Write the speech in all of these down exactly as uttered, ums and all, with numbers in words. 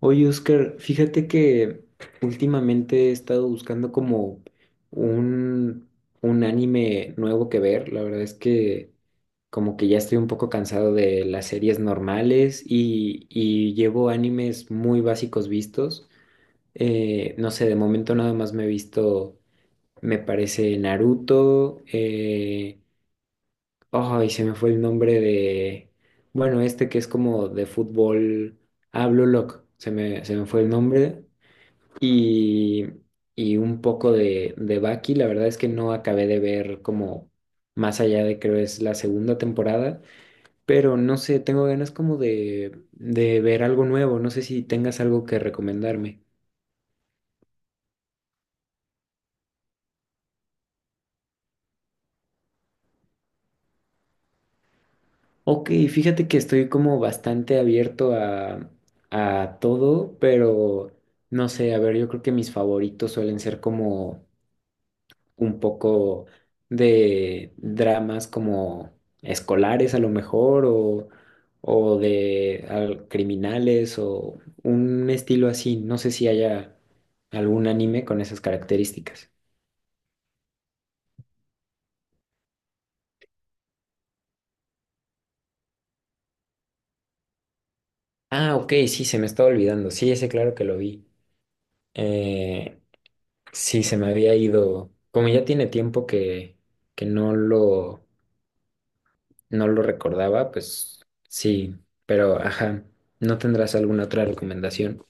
Oye, Oscar, fíjate que últimamente he estado buscando como un, un anime nuevo que ver. La verdad es que como que ya estoy un poco cansado de las series normales y, y llevo animes muy básicos vistos. Eh, no sé, de momento nada más me he visto, me parece Naruto. Eh, ay, se me fue el nombre de, bueno, este que es como de fútbol. Ah, Blue Lock, se me, se me fue el nombre y, y un poco de, de Baki. La verdad es que no acabé de ver como más allá de creo es la segunda temporada, pero no sé, tengo ganas como de, de ver algo nuevo. No sé si tengas algo que recomendarme. Ok, fíjate que estoy como bastante abierto a, a todo, pero no sé, a ver, yo creo que mis favoritos suelen ser como un poco de dramas como escolares a lo mejor o, o de al- criminales o un estilo así. No sé si haya algún anime con esas características. Ah, ok, sí, se me estaba olvidando. Sí, ese claro que lo vi. Eh, sí, se me había ido. Como ya tiene tiempo que, que no lo, no lo recordaba, pues sí, pero ajá, ¿no tendrás alguna otra recomendación?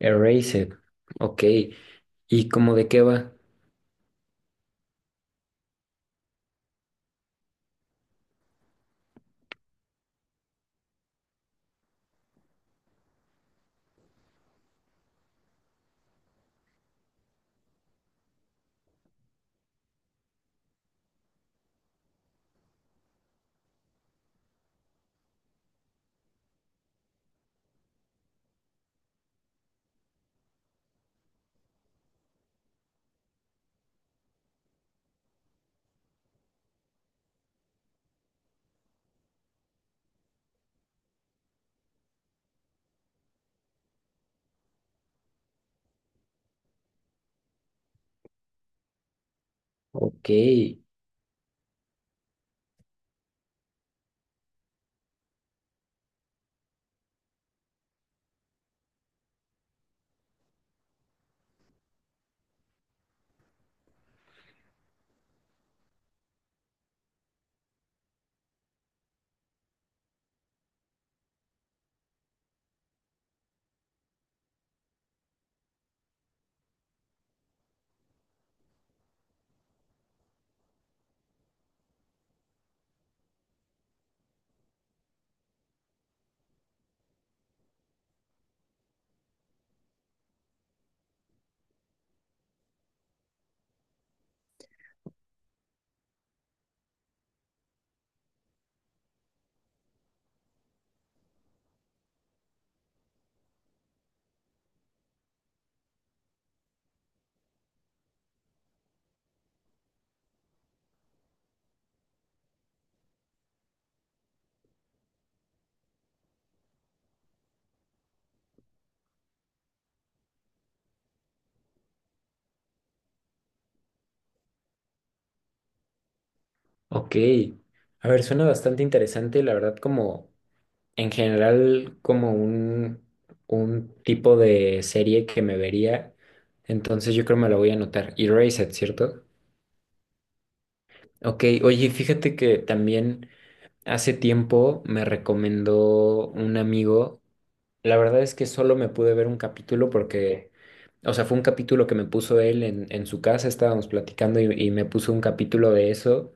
Erased. Ok. ¿Y cómo de qué va? Ok, ok. A ver, suena bastante interesante, la verdad, como en general, como un, un tipo de serie que me vería. Entonces yo creo me la voy a anotar. Erased, ¿cierto? Ok, oye, fíjate que también. Hace tiempo me recomendó un amigo. La verdad es que solo me pude ver un capítulo porque, o sea, fue un capítulo que me puso él en, en su casa, estábamos platicando y, y me puso un capítulo de eso.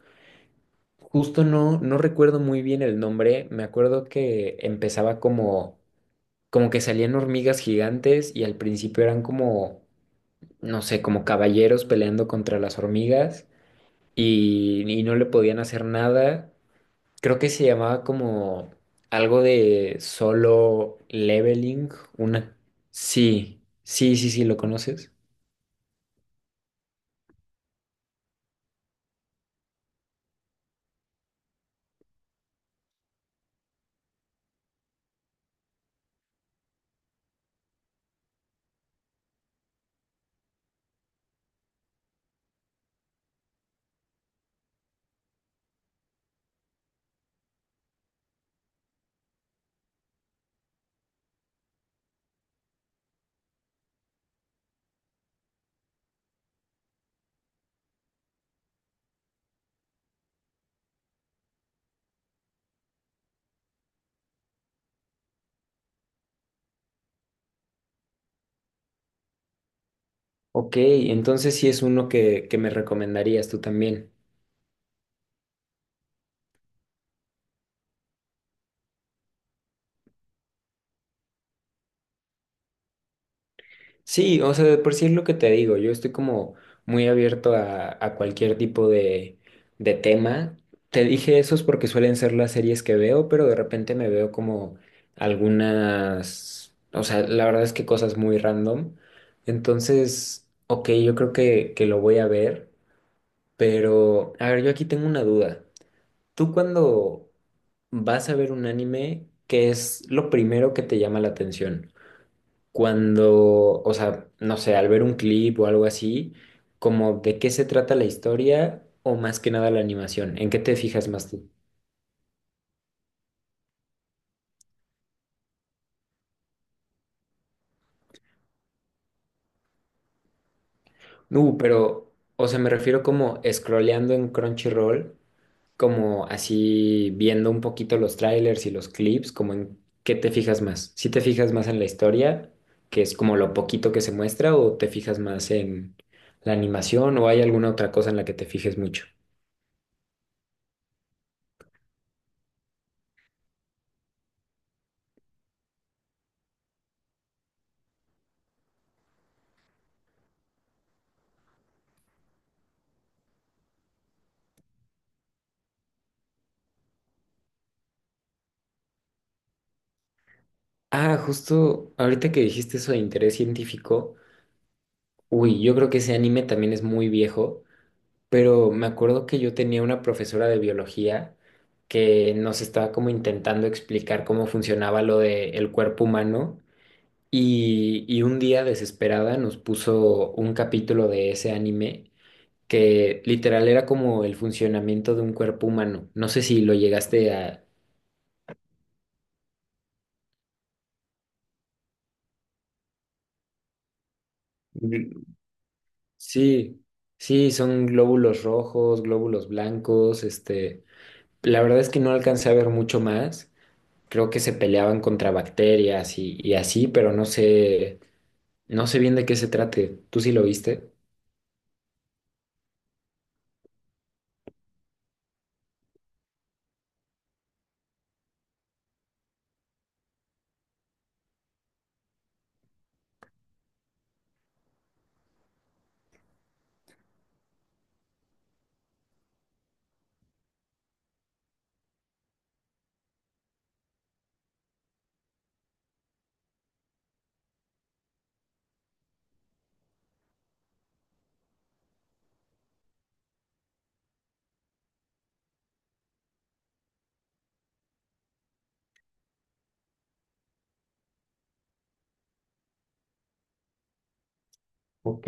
Justo no, no recuerdo muy bien el nombre, me acuerdo que empezaba como, como que salían hormigas gigantes y al principio eran como, no sé, como caballeros peleando contra las hormigas y, y no le podían hacer nada. Creo que se llamaba como algo de Solo Leveling, una. Sí, sí, sí, sí, ¿lo conoces? Ok, entonces sí es uno que, que me recomendarías tú también. Sí, o sea, de por sí es lo que te digo, yo estoy como muy abierto a, a cualquier tipo de, de tema. Te dije eso es porque suelen ser las series que veo, pero de repente me veo como algunas, o sea, la verdad es que cosas muy random. Entonces, ok, yo creo que, que lo voy a ver, pero a ver, yo aquí tengo una duda. ¿Tú cuando vas a ver un anime, qué es lo primero que te llama la atención? Cuando, o sea, no sé, al ver un clip o algo así, como de qué se trata la historia o más que nada la animación, ¿en qué te fijas más tú? No, pero, o sea, me refiero como scrolleando en Crunchyroll, como así viendo un poquito los trailers y los clips, como en qué te fijas más. ¿Si te fijas más en la historia, que es como lo poquito que se muestra, o te fijas más en la animación, o hay alguna otra cosa en la que te fijes mucho? Ah, justo ahorita que dijiste eso de interés científico, uy, yo creo que ese anime también es muy viejo, pero me acuerdo que yo tenía una profesora de biología que nos estaba como intentando explicar cómo funcionaba lo del cuerpo humano y, y un día desesperada nos puso un capítulo de ese anime que literal era como el funcionamiento de un cuerpo humano. No sé si lo llegaste a... Sí, sí, son glóbulos rojos, glóbulos blancos, este, la verdad es que no alcancé a ver mucho más. Creo que se peleaban contra bacterias y, y así, pero no sé, no sé bien de qué se trate. ¿Tú sí lo viste? Ok,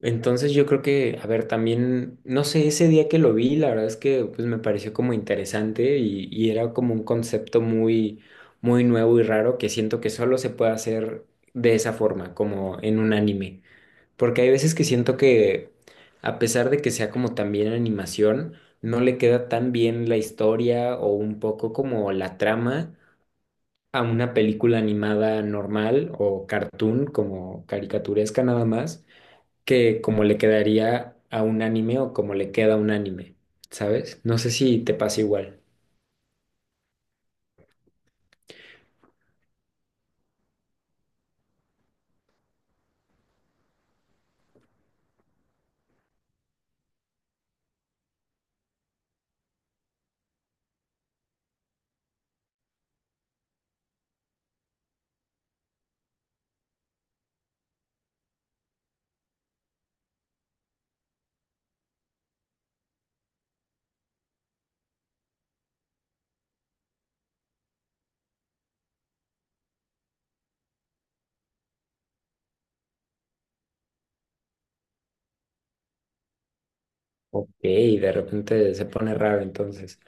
entonces yo creo que, a ver, también, no sé, ese día que lo vi, la verdad es que pues me pareció como interesante y, y era como un concepto muy, muy nuevo y raro que siento que solo se puede hacer de esa forma, como en un anime. Porque hay veces que siento que, a pesar de que sea como también animación, no le queda tan bien la historia o un poco como la trama a una película animada normal o cartoon, como caricaturesca nada más, que como le quedaría a un anime o como le queda a un anime, ¿sabes? No sé si te pasa igual. Ok, de repente se pone raro entonces.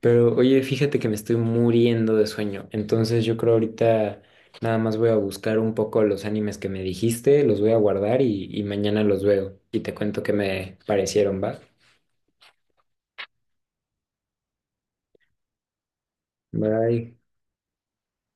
Pero oye, fíjate que me estoy muriendo de sueño. Entonces yo creo ahorita nada más voy a buscar un poco los animes que me dijiste, los voy a guardar y, y mañana los veo. Y te cuento qué me parecieron, ¿va? Bye.